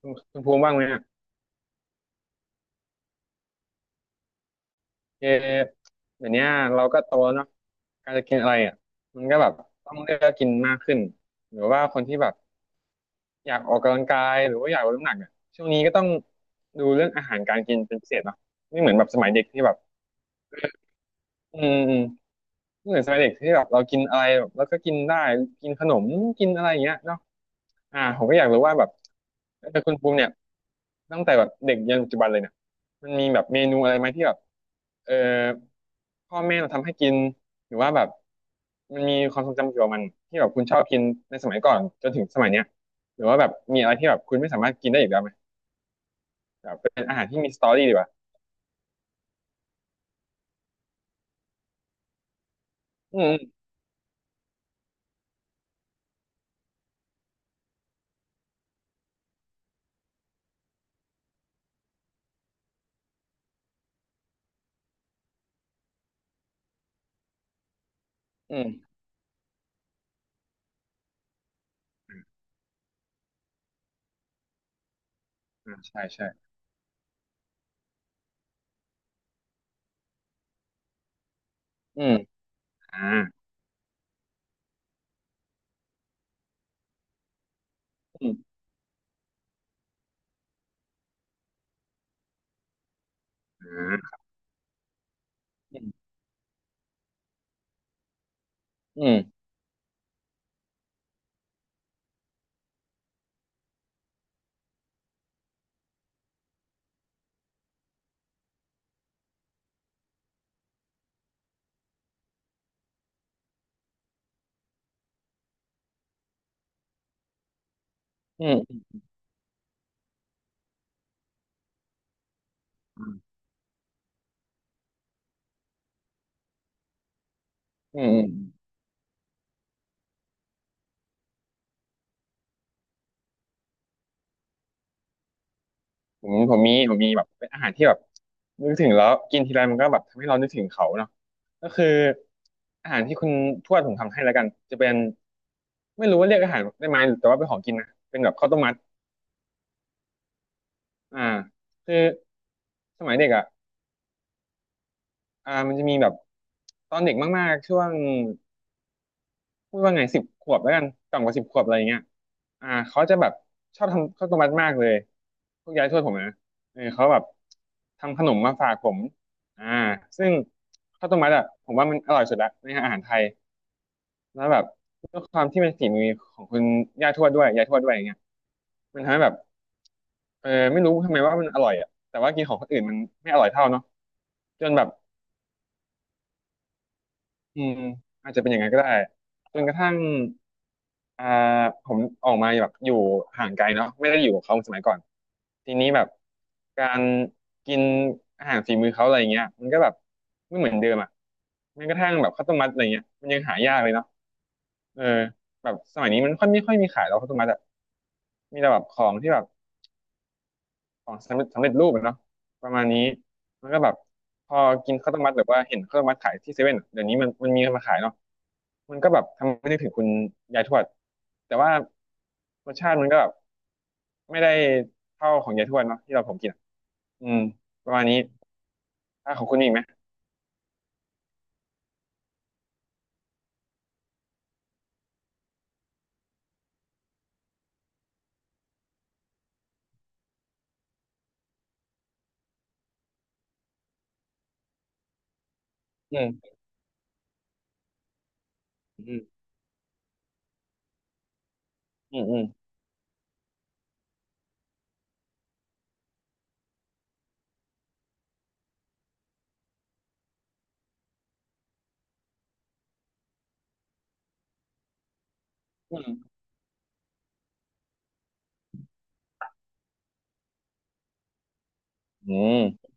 คุณภูมิว่างไหมอ่ะเออเดี๋ยวเนี้ยเราก็โตแล้วเนาะการจะกินอะไรอ่ะมันก็แบบต้องเลือกกินมากขึ้น หรือว่าคนที่แบบอยากออกกำลังกาย หรือว่าอยากลดน้ำหนักเนี่ยช่วงนี้ก็ต้องดูเรื่องอาหารการกินเป็นพิเศษเนาะไม่เหมือนแบบสมัยเด็กที่แบบอืม ไม่เหมือนสมัยเด็กที่แบบเรากินอะไรแบบแล้วก็กินได้กินขนมกินอะไรอย่างเงี้ยเนาะผมก็อยากรู้ว่าแบบแต่คุณภูมิเนี่ยตั้งแต่แบบเด็กยันปัจจุบันเลยเนี่ยมันมีแบบเมนูอะไรไหมที่แบบเออพ่อแม่เราทำให้กินหรือว่าแบบมันมีความทรงจำเกี่ยวกับมันที่แบบคุณชอบกินในสมัยก่อนจนถึงสมัยเนี้ยหรือว่าแบบมีอะไรที่แบบคุณไม่สามารถกินได้อีกแล้วไหมแบบเป็นอาหารที่มีสตอรี่ดีกว่าอืมอืมอืมอ่าใช่ใช่อืมอ่าอืมอ่าอืมอืมอืม อืมอืมผมมีแบบเป็นอาหารที่แบบนึกถึงแล้วกินทีไรมันก็แบบทำให้เรานึกถึงเขาเนาะก็คืออาหารที่คุณทวดผมทำให้แล้วกันจะเป็นไม่รู้ว่าเรียกอาหารได้ไหมแต่ว่าเป็นของกินนะเป็นแบบข้าวต้มมัดอ่าคือสมัยเด็กอ่ะมันจะมีแบบตอนเด็กมากๆช่วง พูดว่าไง10 ขวบแล้วกันต่ำกว่าสิบขวบอะไรอย่างเงี้ยเขาจะแบบชอบทำข้าวต้มมัดมากเลยพวกยายทวดผมนะเขาแบบทำขนมมาฝากผมอ่าซึ่งข้าวต้มมัดอ่ะผมว่ามันอร่อยสุดละในอาหารไทยแล้วแบบด้วยความที่เป็นฝีมือของคุณย่าทวดด้วยยายทวดด้วยอย่างเงี้ยมันทำให้แบบไม่รู้ทำไมว่ามันอร่อยอ่ะแต่ว่ากินของคนอื่นมันไม่อร่อยเท่าเนาะจนแบบ อืมอาจจะเป็นอย่างนั้นก็ได้จนกระทั่งอ่าผมออกมาแบบอยู่ห่างไกลเนาะไม่ได้อยู่กับเขาสมัยก่อนทีนี้แบบการกินอาหารฝีมือเขาอะไรเงี้ยมันก็แบบไม่เหมือนเดิมอ่ะแม้กระทั่งแบบข้าวต้มมัดอะไรเงี้ยมันยังหายากเลยเนาะเออแบบสมัยนี้มันค่อยไม่ค่อยมีขายแล้วข้าวต้มมัดอะมีแต่แบบของที่แบบ ของสำเร็จรูปอะเนาะประมาณนี้มันก็แบบพอกินข้าวต้มมัดหรือว่าเห็นข้าวต้มมัดขายที่เซเว่นเดี๋ยวนี้มันมีมาขายเนาะมันก็แบบทำให้นึกถึงคุณยายทวดแต่ว่ารสชาติมันก็แบบไม่ได้เท่าของยายทวดเนาะที่เราผมกินอะอืมประมาณนี้ถ้าของคุณมีอีกไหมอืมอืมอืมอืมอืมอืม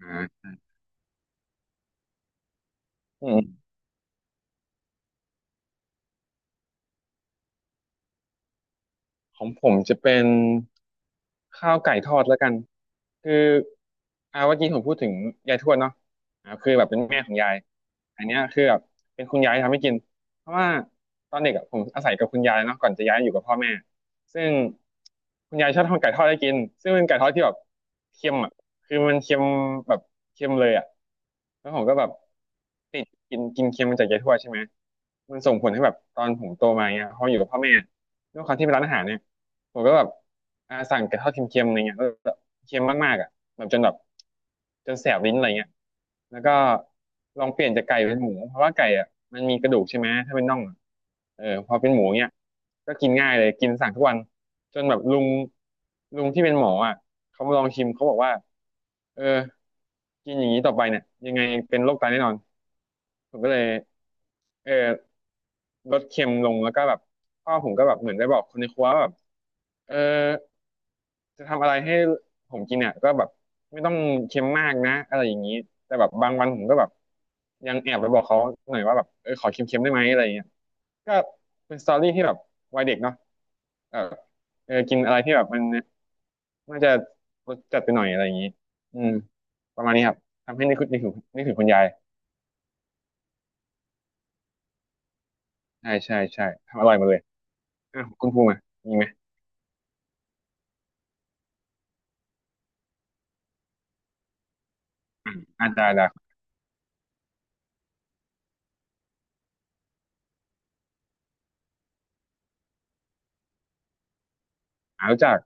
อมอ่า ของผมจะเป็นข้าวไก่ทอดแล้วกันคือเมื่อกี้ผมพูดถึงยายทวดเนาะคือแบบเป็นแม่ของยายอันเนี้ยคือแบบเป็นคุณยายทำให้กินเพราะว่าตอนเด็กอะผมอาศัยกับคุณยายเนาะก่อนจะย้ายอยู่กับพ่อแม่ซึ่งคุณยายชอบทำไก่ทอดให้กินซึ่งเป็นไก่ทอดที่แบบเค็มอ่ะคือมันเค็มแบบเค็มเลยอ่ะแล้วผมก็แบบติดกินกินเค็มมาจากยายทวดใช่ไหมมันส่งผลให้แบบตอนผมโตมาเนี้ยพออยู่กับพ่อแม่ด้วยความที่เป็นร้านอาหารเนี่ย ผมก็แบบสั่งไก่ทอดเค็มๆอะไรเงี้ยแล้วแบบเค็มมากๆอ่ะแบบจนแบบจนแสบลิ้นอะไรเงี้ยแล้วก็ลองเปลี่ยนจากไก่เป็นหมูเพราะว่าไก่อ่ะมันมีกระดูกใช่ไหมถ้าเป็นน่องอะพอเป็นหมูเนี้ยก็กินง่ายเลยกินสั่งทุกวันจนแบบลุงที่เป็นหมออ่ะเขามาลองชิมเขาบอกว่าเออกินอย่างนี้ต่อไปเนี่ยยังไงเป็นโรคไตแน่นอน ผมก็เลยเออลดเค็มลงแล้วก็แบบพ่อผมก็แบบเหมือนได้บอกคนในครัวว่าแบบเออจะทำอะไรให้ผมกินเนี่ยก็แบบไม่ต้องเค็มมากนะอะไรอย่างนี้แต่แบบบางวันผมก็แบบยังแอบไปบอกเขาหน่อยว่าแบบขอเค็มๆได้ไหมอะไรอย่างเงี้ยก็เป็นสตอรี่ที่แบบวัยเด็กเนาะเออกินอะไรที่แบบมันน่าจะรสจัดไปหน่อยอะไรอย่างนี้อืมประมาณนี้ครับทำให้นึกถึงคุณยายใช่ใช่ใช่ทำอร่อยหมดเลย เออของคุณภูมิอ่ะมีไหมอืมอ่าได้ได้อ่ารู้จัก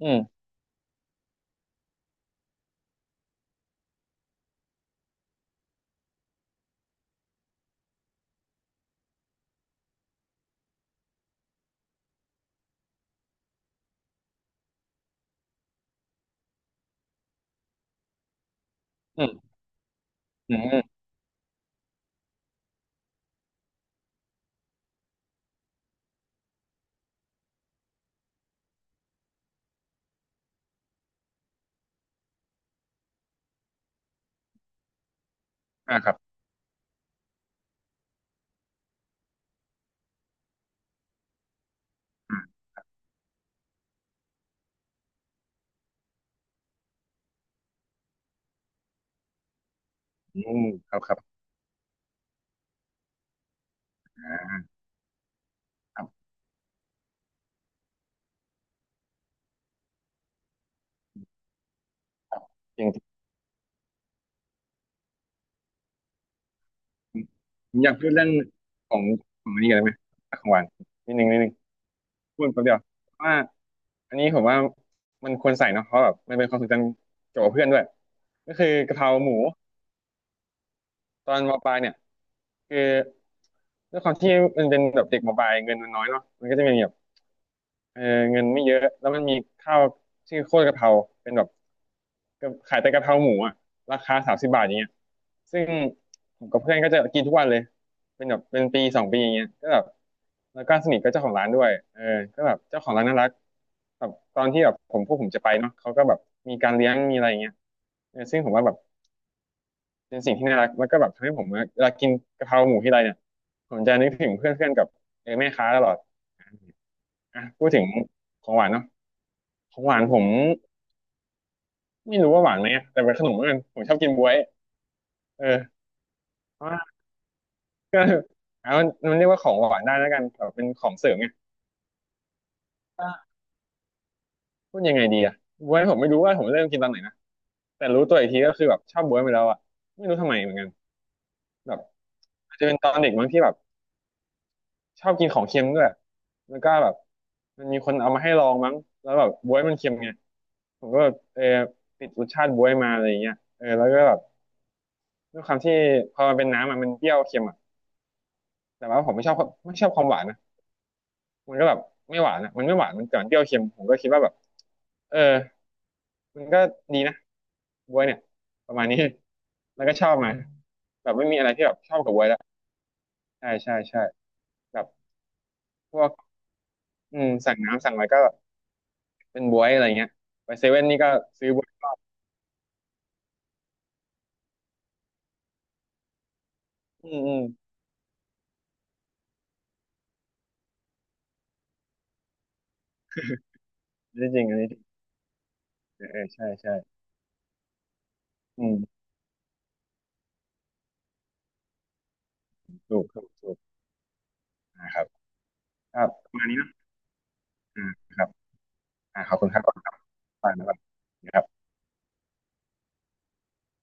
อืมอืมอืมอืมอ่าครับอ่าอืมครับครับอ่าครับอย่างผมอยากพูดเรื่องของของอันนี้กันได้ไหมของหวานนิดนึงนิดนึงพูดแป๊บเดียวว่าอันนี้ผมว่ามันควรใส่เนาะเพราะแบบมันเป็นความทรงจำเกี่ยวกับเพื่อนด้วยก็คือกะเพราหมูตอนมปลายเนี่ยคือด้วยความที่มันเป็นแบบเด็กมปลายเงินมันน้อยเนาะมันก็จะมีแบบ เออเงินไม่เยอะแล้วมันมีข้าวชื่อโคตรกะเพราเป็นแบบก็ขายแต่กะเพราหมูอะราคา30 บาทอย่างเงี้ยซึ่งผมกับเพื่อนก็จะกินทุกวันเลยเป็นแบบเป็นปีสองปีอย่างเงี้ยก็แบบแล้วก็สนิทกับเจ้าของร้านด้วยก็แบบเจ้าของร้านน่ารักแบบตอนที่แบบผมพวกผมจะไปเนาะเขาก็แบบมีการเลี้ยงมีอะไรอย่างเงี้ยซึ่งผมว่าแบบเป็นสิ่งที่น่ารักแล้วก็แบบทำให้ผมเวลากินกะเพราหมูที่ไรเนี่ยผมจะนึกถึงเพื่อนๆกับแม่ค้าตลอดอ่ะพูดถึงของหวานเนาะ ของหวานผมไม่รู้ว่าหวานไหมอะแต่เป็นขนมแล้วกันผมชอบกินบ๊วยเออเพราะว่าแล้วมันเรียกว่าของหวานได้แล้วกันแบบเป็นของเสริมไงก็พูดยังไงดีอะบ๊วยผมไม่รู้ว่าผมเริ่มกินตอนไหนนะแต่รู้ตัวอีกทีก็คือแบบชอบบ๊วยไปแล้วอะไม่รู้ทำไมเหมือนกันแบบอาจจะเป็นตอนเด็กมั้งที่แบบชอบกินของเค็มด้วยแล้วก็แบบมันมีคนเอามาให้ลองมั้งแล้วแบบบ๊วยมันเค็มไงผมก็แบบติดรสชาติบ๊วยมาอะไรอย่างเงี้ยแล้วก็แบบด้วยความที่พอมันเป็นน้ำอะมันเปรี้ยวเค็มอะแต่ว่าผมไม่ชอบไม่ชอบความหวานนะ มันก็แบบไม่หวานอ่ะมันไม่หวานมันแต่มันเปรี้ยวเค็มผมก็คิดว่าแบบเออมันก็ดีนะบวยเนี่ยประมาณนี้ แล้วก็ชอบมาแบบไม่มีอะไรที่แบบชอบกับบวยแล้วใช่ ใช่ใช่แบบพวกอืมสั่งน้ำสั่งอะไรก็แบบเป็นบวยอะไรเงี้ยไปเซเว่นนี่ก็ซื้อบวยอืมอืมอันนี้จริงอันนี้จริงเออเออใช่ใช่อืมถูกถูกถูกนะครับครับประมาณนี้เนอะอ่าครับอ่าขอบคุณครับขอบคุณครับไปนะครับ